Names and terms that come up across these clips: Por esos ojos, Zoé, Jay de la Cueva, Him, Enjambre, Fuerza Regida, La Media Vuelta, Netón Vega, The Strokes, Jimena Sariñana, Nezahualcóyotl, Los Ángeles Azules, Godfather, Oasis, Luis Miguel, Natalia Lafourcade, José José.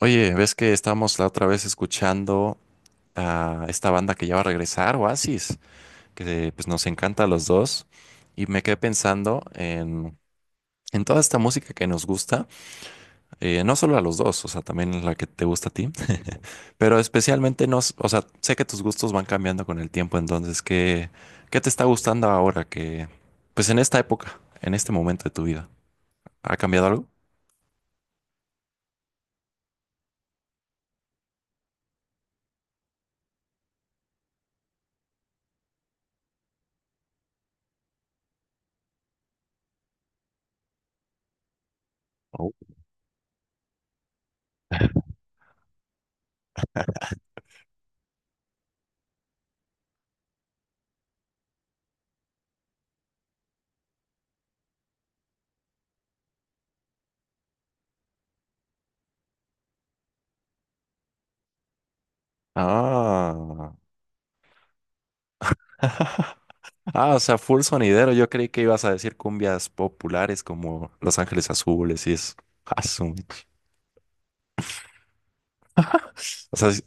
Oye, ¿ves que estábamos la otra vez escuchando a esta banda que ya va a regresar, Oasis, que pues nos encanta a los dos? Y me quedé pensando en toda esta música que nos gusta, no solo a los dos, o sea, también la que te gusta a ti, pero especialmente nos, o sea, sé que tus gustos van cambiando con el tiempo, entonces, ¿qué te está gustando ahora que, pues en esta época, en este momento de tu vida? ¿Ha cambiado algo? Ah. Ah, o sea, full sonidero. Yo creí que ibas a decir cumbias populares como Los Ángeles Azules y eso. Ah, o sea, es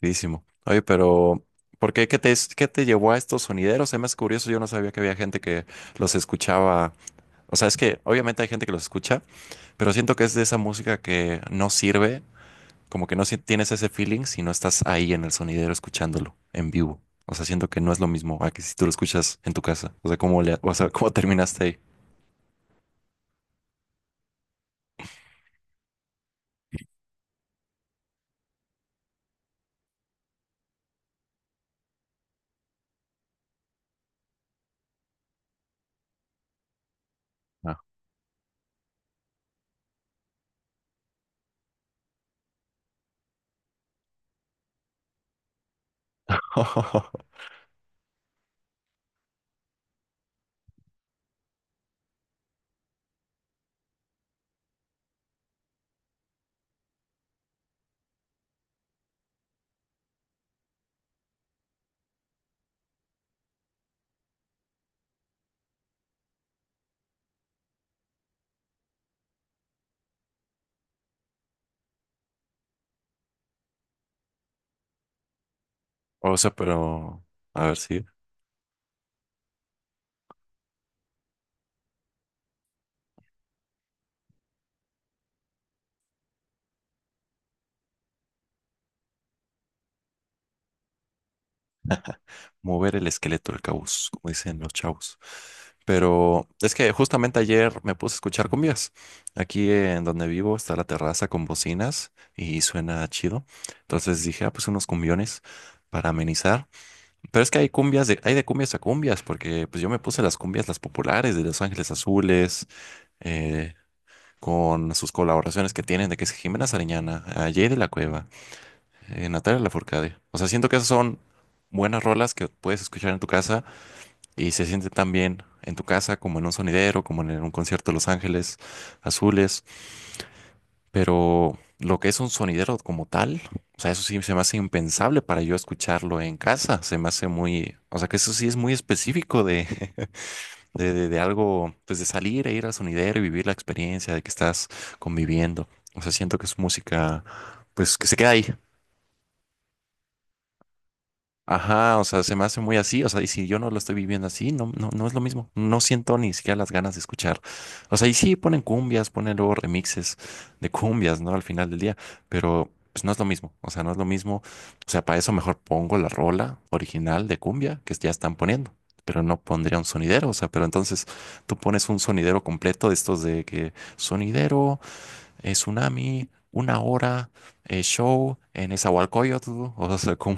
buenísimo. Oye, pero ¿por qué? ¿Qué te llevó a estos sonideros? Es más curioso, yo no sabía que había gente que los escuchaba. O sea, es que obviamente hay gente que los escucha, pero siento que es de esa música que no sirve, como que no tienes ese feeling si no estás ahí en el sonidero escuchándolo en vivo. O sea, siento que no es lo mismo a que si tú lo escuchas en tu casa. O sea, ¿cómo le, o sea, cómo terminaste ahí? Ah. O sea, pero a ver si mover el esqueleto del caos, como dicen los chavos. Pero es que justamente ayer me puse a escuchar cumbias. Aquí en donde vivo está la terraza con bocinas y suena chido. Entonces dije, ah, pues unos cumbiones para amenizar. Pero es que hay cumbias de, hay de cumbias a cumbias, porque pues yo me puse las cumbias, las populares de Los Ángeles Azules, eh, con sus colaboraciones que tienen de que es Jimena Sariñana, a Jay de la Cueva. Natalia Lafourcade. O sea, siento que esas son buenas rolas que puedes escuchar en tu casa y se siente tan bien en tu casa como en un sonidero, como en un concierto de Los Ángeles Azules. Pero lo que es un sonidero como tal, o sea, eso sí se me hace impensable para yo escucharlo en casa. Se me hace muy, o sea, que eso sí es muy específico de algo, pues de salir e ir al sonidero y vivir la experiencia de que estás conviviendo. O sea, siento que es música, pues que se queda ahí. Ajá, o sea, se me hace muy así, o sea, y si yo no lo estoy viviendo así, no, no, no es lo mismo, no siento ni siquiera las ganas de escuchar. O sea, y sí ponen cumbias, ponen luego remixes de cumbias, ¿no? Al final del día, pero pues no es lo mismo, o sea, no es lo mismo, o sea, para eso mejor pongo la rola original de cumbia que ya están poniendo, pero no pondría un sonidero, o sea, pero entonces tú pones un sonidero completo de estos de que sonidero, tsunami, una hora, show en Nezahualcóyotl, o sea, como...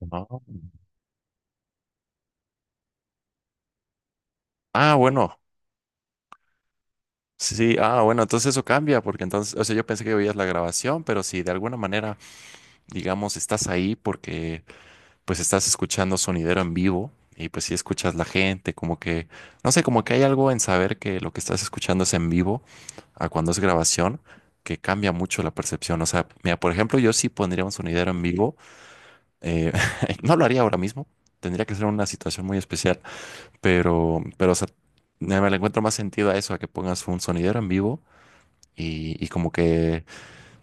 No. Ah, bueno, sí, ah, bueno, entonces eso cambia, porque entonces, o sea, yo pensé que oías la grabación, pero si de alguna manera, digamos, estás ahí porque pues estás escuchando sonidero en vivo y pues si escuchas la gente, como que, no sé, como que hay algo en saber que lo que estás escuchando es en vivo a cuando es grabación, que cambia mucho la percepción. O sea, mira, por ejemplo, yo sí pondría un sonidero en vivo, eh, no lo haría ahora mismo, tendría que ser una situación muy especial, pero, o sea, me le encuentro más sentido a eso, a que pongas un sonidero en vivo y como que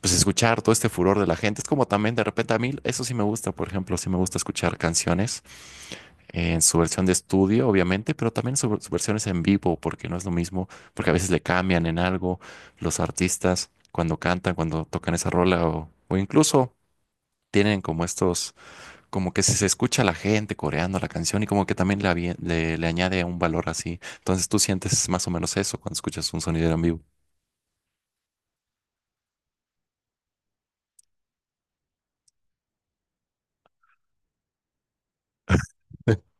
pues escuchar todo este furor de la gente. Es como también de repente a mí, eso sí me gusta, por ejemplo, sí me gusta escuchar canciones en su versión de estudio, obviamente, pero también sus versiones en vivo, porque no es lo mismo, porque a veces le cambian en algo los artistas cuando cantan, cuando tocan esa rola o incluso... Tienen como estos, como que si se escucha a la gente coreando la canción y como que también le añade un valor así. Entonces tú sientes más o menos eso cuando escuchas un sonidero en vivo.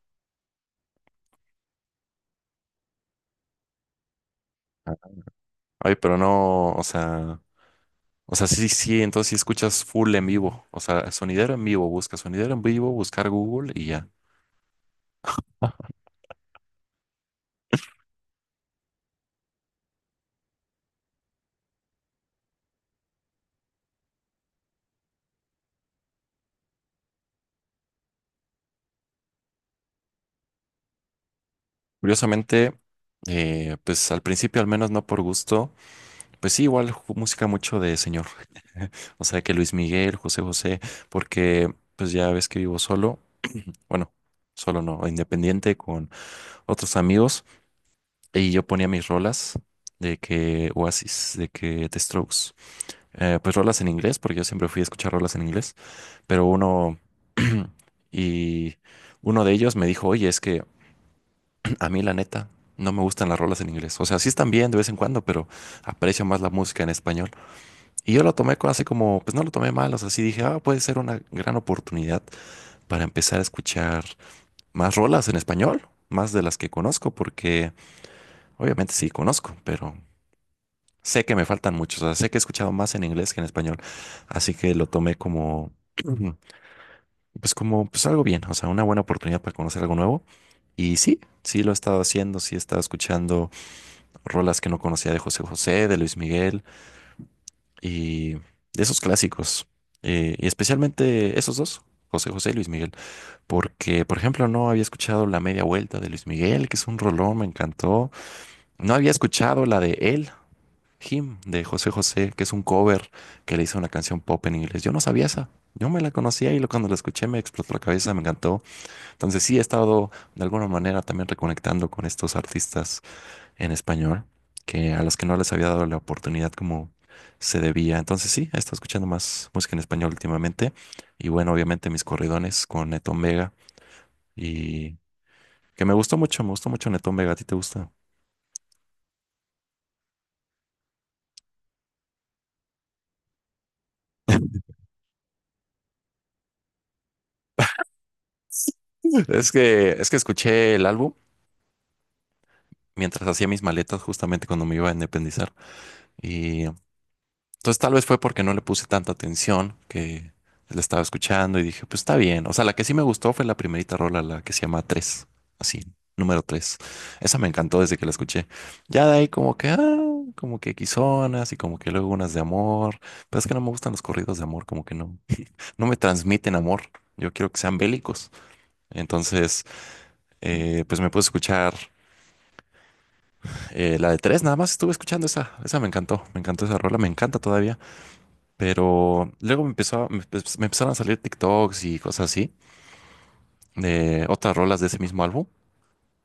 Ay, pero no, o sea, sí, sí, entonces sí escuchas full en vivo. O sea, sonidero en vivo, busca sonidero en vivo, buscar Google y ya. Curiosamente, pues al principio, al menos no por gusto, pues sí, igual música mucho de señor. O sea, que Luis Miguel, José José, porque pues ya ves que vivo solo, bueno, solo no, independiente con otros amigos y yo ponía mis rolas de que Oasis, de que The Strokes, pues rolas en inglés, porque yo siempre fui a escuchar rolas en inglés, pero uno y uno de ellos me dijo, oye, es que a mí la neta no me gustan las rolas en inglés. O sea, sí están bien de vez en cuando, pero aprecio más la música en español. Y yo lo tomé así como, pues no lo tomé mal, o sea, sí dije, ah, puede ser una gran oportunidad para empezar a escuchar más rolas en español, más de las que conozco, porque obviamente sí conozco, pero sé que me faltan muchos. O sea, sé que he escuchado más en inglés que en español. Así que lo tomé como... pues como, pues algo bien, o sea, una buena oportunidad para conocer algo nuevo. Y sí, sí lo he estado haciendo, sí he estado escuchando rolas que no conocía de José José, de Luis Miguel y de esos clásicos. Y especialmente esos dos, José José y Luis Miguel. Porque, por ejemplo, no había escuchado La Media Vuelta de Luis Miguel, que es un rolón, me encantó. No había escuchado la de Él, Him, de José José, que es un cover que le hizo una canción pop en inglés. Yo no sabía esa. Yo me la conocía y lo- cuando la escuché me explotó la cabeza, me encantó. Entonces sí he estado de alguna manera también reconectando con estos artistas en español, que a los que no les había dado la oportunidad como se debía. Entonces sí, he estado escuchando más música en español últimamente. Y bueno, obviamente mis corridones con Netón Vega y que me gustó mucho Netón Vega. ¿A ti te gusta? Es que escuché el álbum mientras hacía mis maletas justamente cuando me iba a independizar. Y entonces tal vez fue porque no le puse tanta atención que la estaba escuchando y dije, pues está bien. O sea, la que sí me gustó fue la primerita rola, la que se llama 3 así, número tres. Esa me encantó desde que la escuché. Ya de ahí como que, ah, como que quizonas y como que luego unas de amor. Pero es que no me gustan los corridos de amor, como que no, no me transmiten amor. Yo quiero que sean bélicos. Entonces, pues me puse a escuchar la de tres, nada más estuve escuchando esa, esa me encantó esa rola, me encanta todavía. Pero luego me empezó, me empezaron a salir TikToks y cosas así de otras rolas de ese mismo álbum,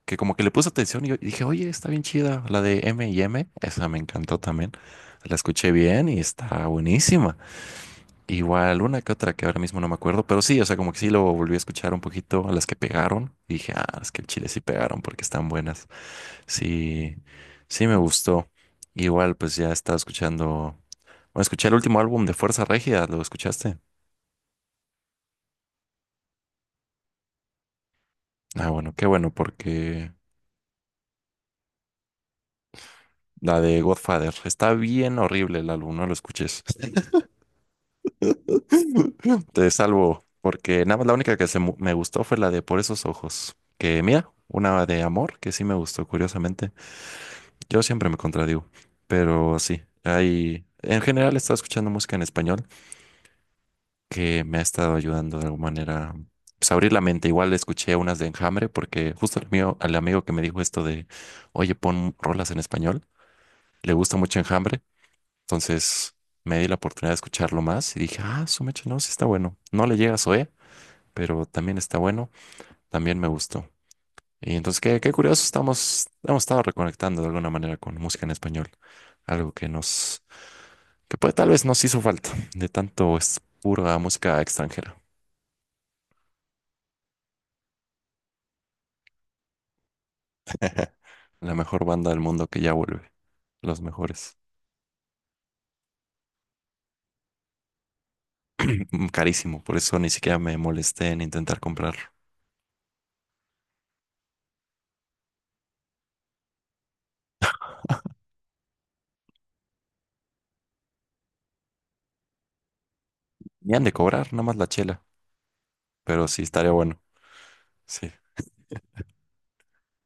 que como que le puse atención y dije, oye, está bien chida, la de M y M, esa me encantó también. La escuché bien y está buenísima. Igual una que otra que ahora mismo no me acuerdo, pero sí, o sea, como que sí lo volví a escuchar un poquito a las que pegaron. Y dije, ah, es que el chile sí pegaron porque están buenas. Sí, sí me gustó. Igual, pues ya estaba escuchando. Bueno, escuché el último álbum de Fuerza Regida, ¿lo escuchaste? Ah, bueno, qué bueno, porque la de Godfather está bien horrible el álbum, no lo escuches. Te salvo, porque nada más la única que me gustó fue la de Por esos ojos. Que mira, una de amor que sí me gustó, curiosamente. Yo siempre me contradigo, pero sí, hay. En general he estado escuchando música en español que me ha estado ayudando de alguna manera. Pues abrir la mente, igual escuché unas de Enjambre porque justo el mío, al amigo que me dijo esto de, oye, pon rolas en español, le gusta mucho Enjambre. Entonces me di la oportunidad de escucharlo más y dije, ah, su mecha, no, sí está bueno. No le llega a Zoé, pero también está bueno, también me gustó. Y entonces, qué, curioso, hemos estado reconectando de alguna manera con música en español, algo que nos, que puede, tal vez nos hizo falta, de tanto es pura música extranjera, la mejor banda del mundo que ya vuelve, los mejores. Carísimo, por eso ni siquiera me molesté en intentar comprarlo. Ni han de cobrar, nada más la chela, pero sí estaría bueno. Sí.